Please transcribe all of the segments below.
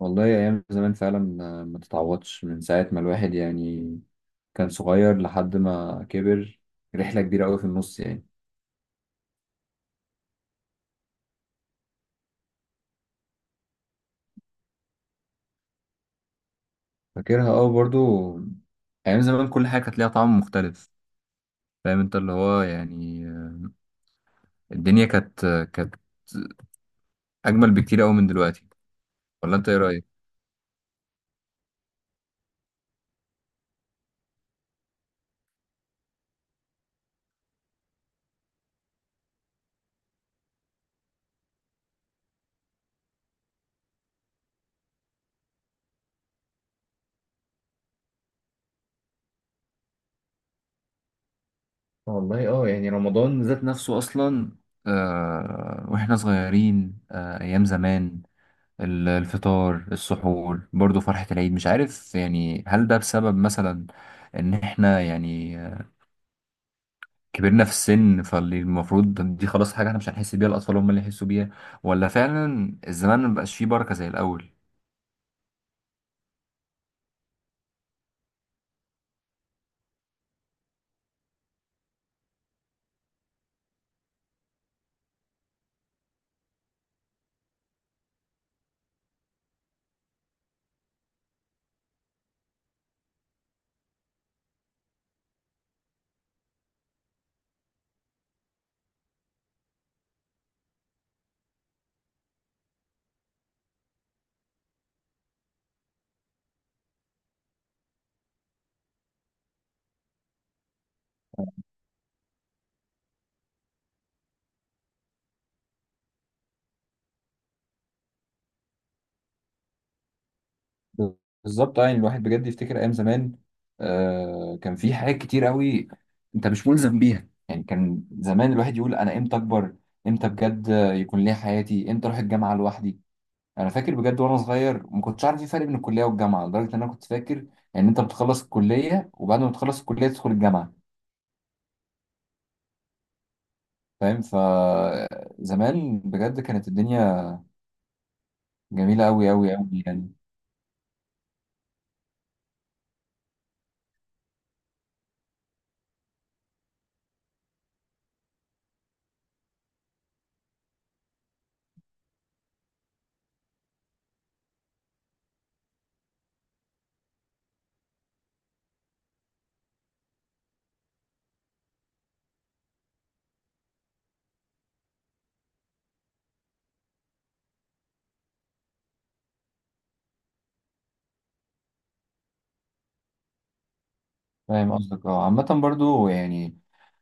والله أيام زمان فعلا ما تتعوضش من ساعة ما الواحد يعني كان صغير لحد ما كبر. رحلة كبيرة أوي في النص يعني. فاكرها أوي برضو. أيام زمان كل حاجة كانت ليها طعم مختلف. فاهم أنت اللي هو يعني، الدنيا كانت أجمل بكتير أوي من دلوقتي. ولا أنت إيه رأيك؟ والله اه، يعني رمضان ذات نفسه اصلا، واحنا صغيرين، ايام زمان. الفطار، السحور، برضو فرحة العيد، مش عارف يعني، هل ده بسبب مثلا ان احنا يعني كبرنا في السن، فاللي المفروض دي خلاص حاجة احنا مش هنحس بيها، الأطفال هم اللي يحسوا بيها؟ ولا فعلا الزمان مبقاش فيه بركة زي الأول؟ بالظبط، اه، يعني الواحد بجد يفتكر ايام زمان. كان في حاجات كتير قوي انت مش ملزم بيها، يعني كان زمان الواحد يقول: انا امتى اكبر؟ امتى بجد يكون ليا حياتي؟ امتى اروح الجامعه لوحدي؟ انا فاكر بجد وانا صغير ما كنتش عارف في فرق بين الكليه والجامعه، لدرجه ان انا كنت فاكر ان انت بتخلص الكليه وبعد ما تخلص الكليه تدخل الجامعه. فاهم، فزمان بجد كانت الدنيا جميله قوي قوي قوي يعني. فاهم قصدك، اه، عامة برضو يعني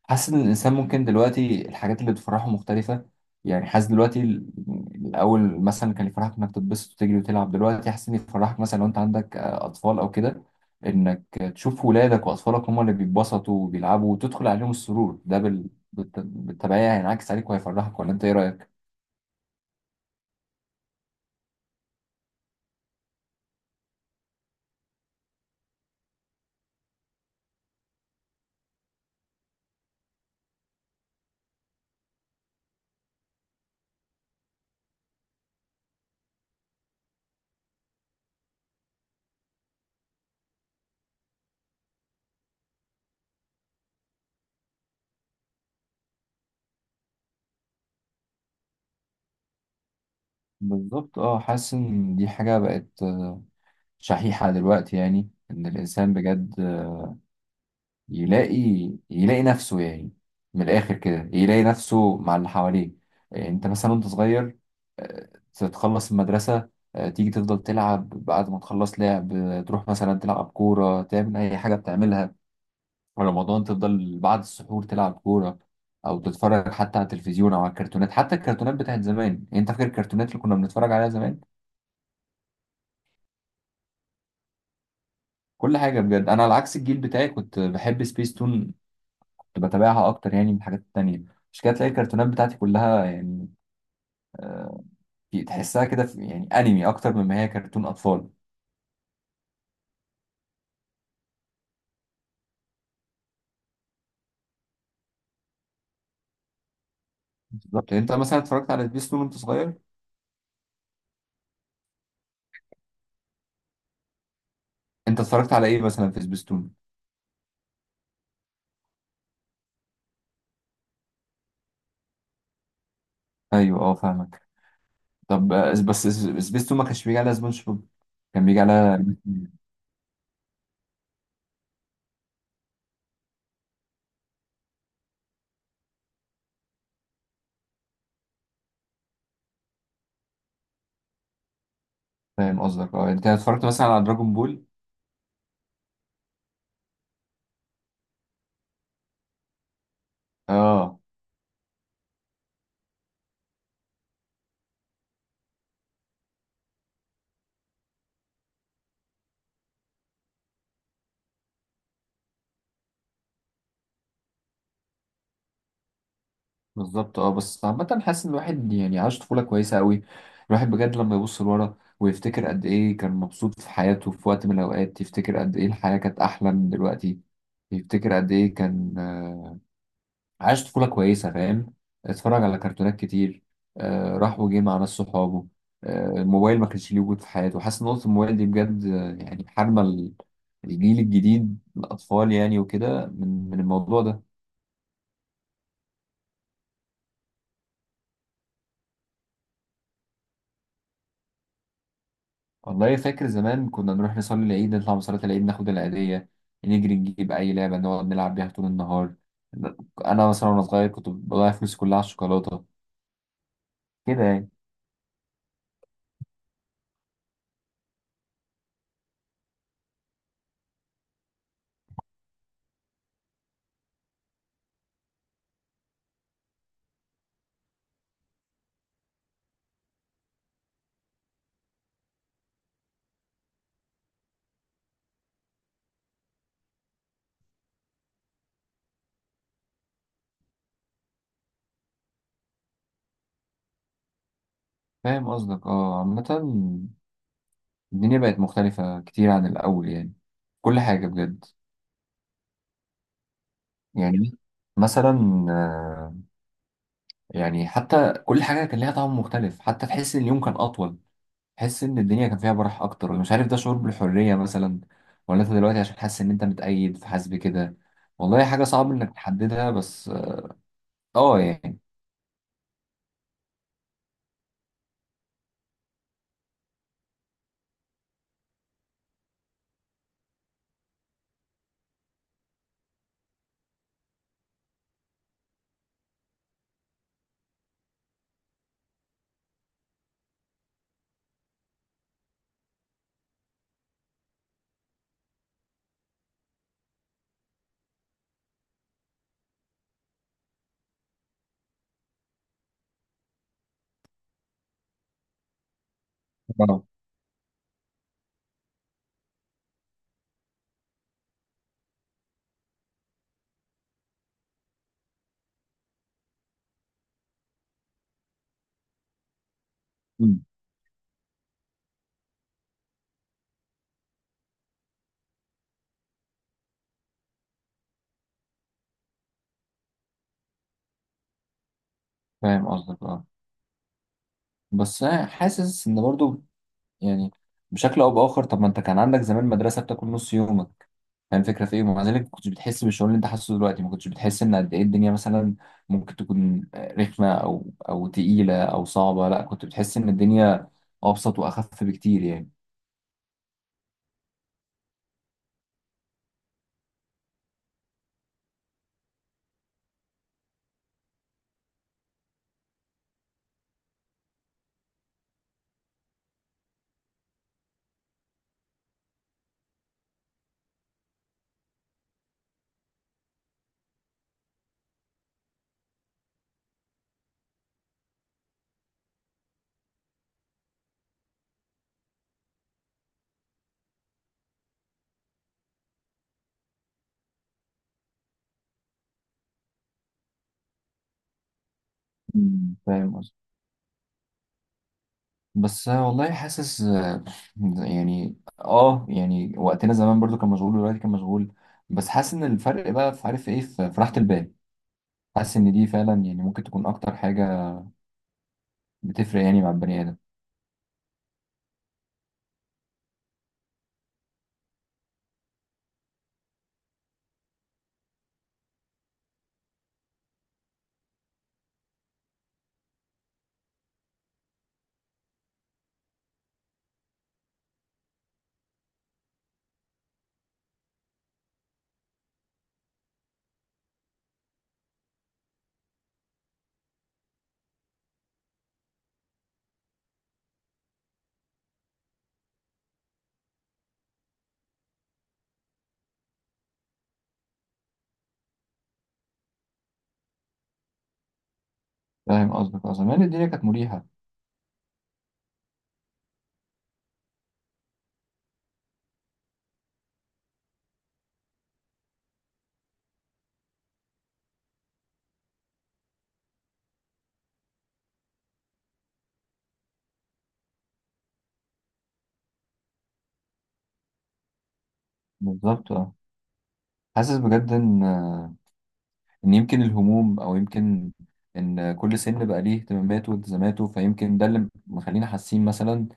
حاسس ان الانسان ممكن دلوقتي الحاجات اللي بتفرحه مختلفة. يعني حاسس دلوقتي الاول مثلا كان يفرحك انك تتبسط وتجري وتلعب، دلوقتي حاسس ان يفرحك مثلا لو انت عندك اطفال او كده، انك تشوف ولادك واطفالك هم اللي بيتبسطوا وبيلعبوا وتدخل عليهم السرور، ده بالتبعية هينعكس عليك وهيفرحك، ولا انت ايه رأيك؟ بالظبط، اه، حاسس ان دي حاجة بقت شحيحة دلوقتي، يعني ان الانسان بجد يلاقي يلاقي نفسه يعني، من الآخر كده يلاقي نفسه مع اللي حواليه. أنت مثلا وأنت صغير، تتخلص المدرسة، تيجي تفضل تلعب، بعد ما تخلص لعب تروح مثلا تلعب كورة، تعمل أي حاجة بتعملها. في رمضان تفضل بعد السحور تلعب كورة، أو تتفرج حتى على التلفزيون أو على الكرتونات، حتى الكرتونات بتاعت زمان. يعني أنت فاكر الكرتونات اللي كنا بنتفرج عليها زمان؟ كل حاجة بجد. أنا على عكس الجيل بتاعي كنت بحب سبيس تون، كنت بتابعها اكتر يعني من الحاجات التانية. مش كده، تلاقي الكرتونات بتاعتي كلها يعني تحسها كده، في يعني انمي اكتر مما هي كرتون اطفال. بالظبط، انت مثلا اتفرجت على سبيستون وانت صغير. انت اتفرجت على ايه مثلا في سبيستون؟ ايوه، اه، فاهمك. طب بس سبيستون ما كانش بيجي على سبونج بوب، كان بيجي على فاهم قصدك، اه، يعني انت اتفرجت مثلا على دراجون بول؟ اه. بالظبط، اه، بس عامة حاسس ان الواحد يعني عاش طفولة كويسة قوي. الواحد بجد لما يبص لورا ويفتكر قد ايه كان مبسوط في حياته في وقت من الاوقات، يفتكر قد ايه الحياة كانت احلى من دلوقتي، يفتكر قد ايه كان عاش طفولة كويسة، فاهم، اتفرج على كرتونات كتير، راح وجه مع ناس صحابه، الموبايل ما كانش ليه وجود في حياته. حاسس ان نقطة الموبايل دي بجد يعني حارمة الجيل الجديد، الاطفال يعني، وكده من الموضوع ده. والله فاكر زمان كنا نروح نصلي العيد، نطلع من صلاة العيد ناخد العيدية، نجري نجيب أي لعبة نقعد نلعب بيها طول النهار. أنا مثلا وأنا صغير كنت بضيع فلوسي كلها على الشوكولاتة كده يعني. فاهم قصدك، اه، عامة الدنيا بقت مختلفة كتير عن الأول يعني، كل حاجة بجد. يعني مثلا يعني حتى كل حاجة كان ليها طعم مختلف، حتى تحس إن اليوم كان أطول، تحس ان الدنيا كان فيها براح اكتر، ولا مش عارف، ده شعور بالحريه مثلا، ولا انت دلوقتي عشان حاسس ان انت متقيد فحاسس بكده؟ والله حاجه صعب انك تحددها، بس اه يعني. آه. أمم. فاهم قصدك، اه، بس أنا حاسس ان برضو يعني بشكل او باخر، طب ما انت كان عندك زمان مدرسه بتاكل نص يومك، فاهم الفكره في ايه؟ ومع ذلك ما كنتش بتحس بالشعور اللي انت حاسه دلوقتي، ما كنتش بتحس ان قد ايه الدنيا مثلا ممكن تكون رخمه او تقيله او صعبه، لا، كنت بتحس ان الدنيا ابسط واخف بكتير يعني. مم. فاهم قصدي، بس والله حاسس يعني، اه يعني وقتنا زمان برضو كان مشغول ودلوقتي كان مشغول، بس حاسس ان الفرق بقى في، عارف ايه، في راحة البال. حاسس ان دي فعلا يعني ممكن تكون اكتر حاجة بتفرق يعني مع البني ادم. فاهم قصدك، اصلا يعني الدنيا كانت مريحة. بالظبط، اه، حاسس بجد ان ان يمكن الهموم، او يمكن ان كل سن بقى ليه اهتماماته والتزاماته، فيمكن ده اللي مخلينا حاسين مثلا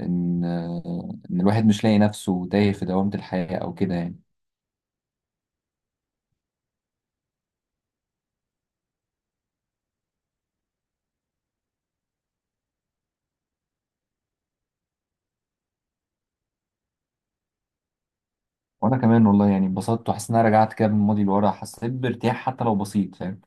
ان ان الواحد مش لاقي نفسه تايه في دوامة الحياة او كده يعني. وانا كمان والله يعني اتبسطت، وحسيت ان انا رجعت كده بالماضي لورا، حسيت بارتياح حتى لو بسيط، فاهم.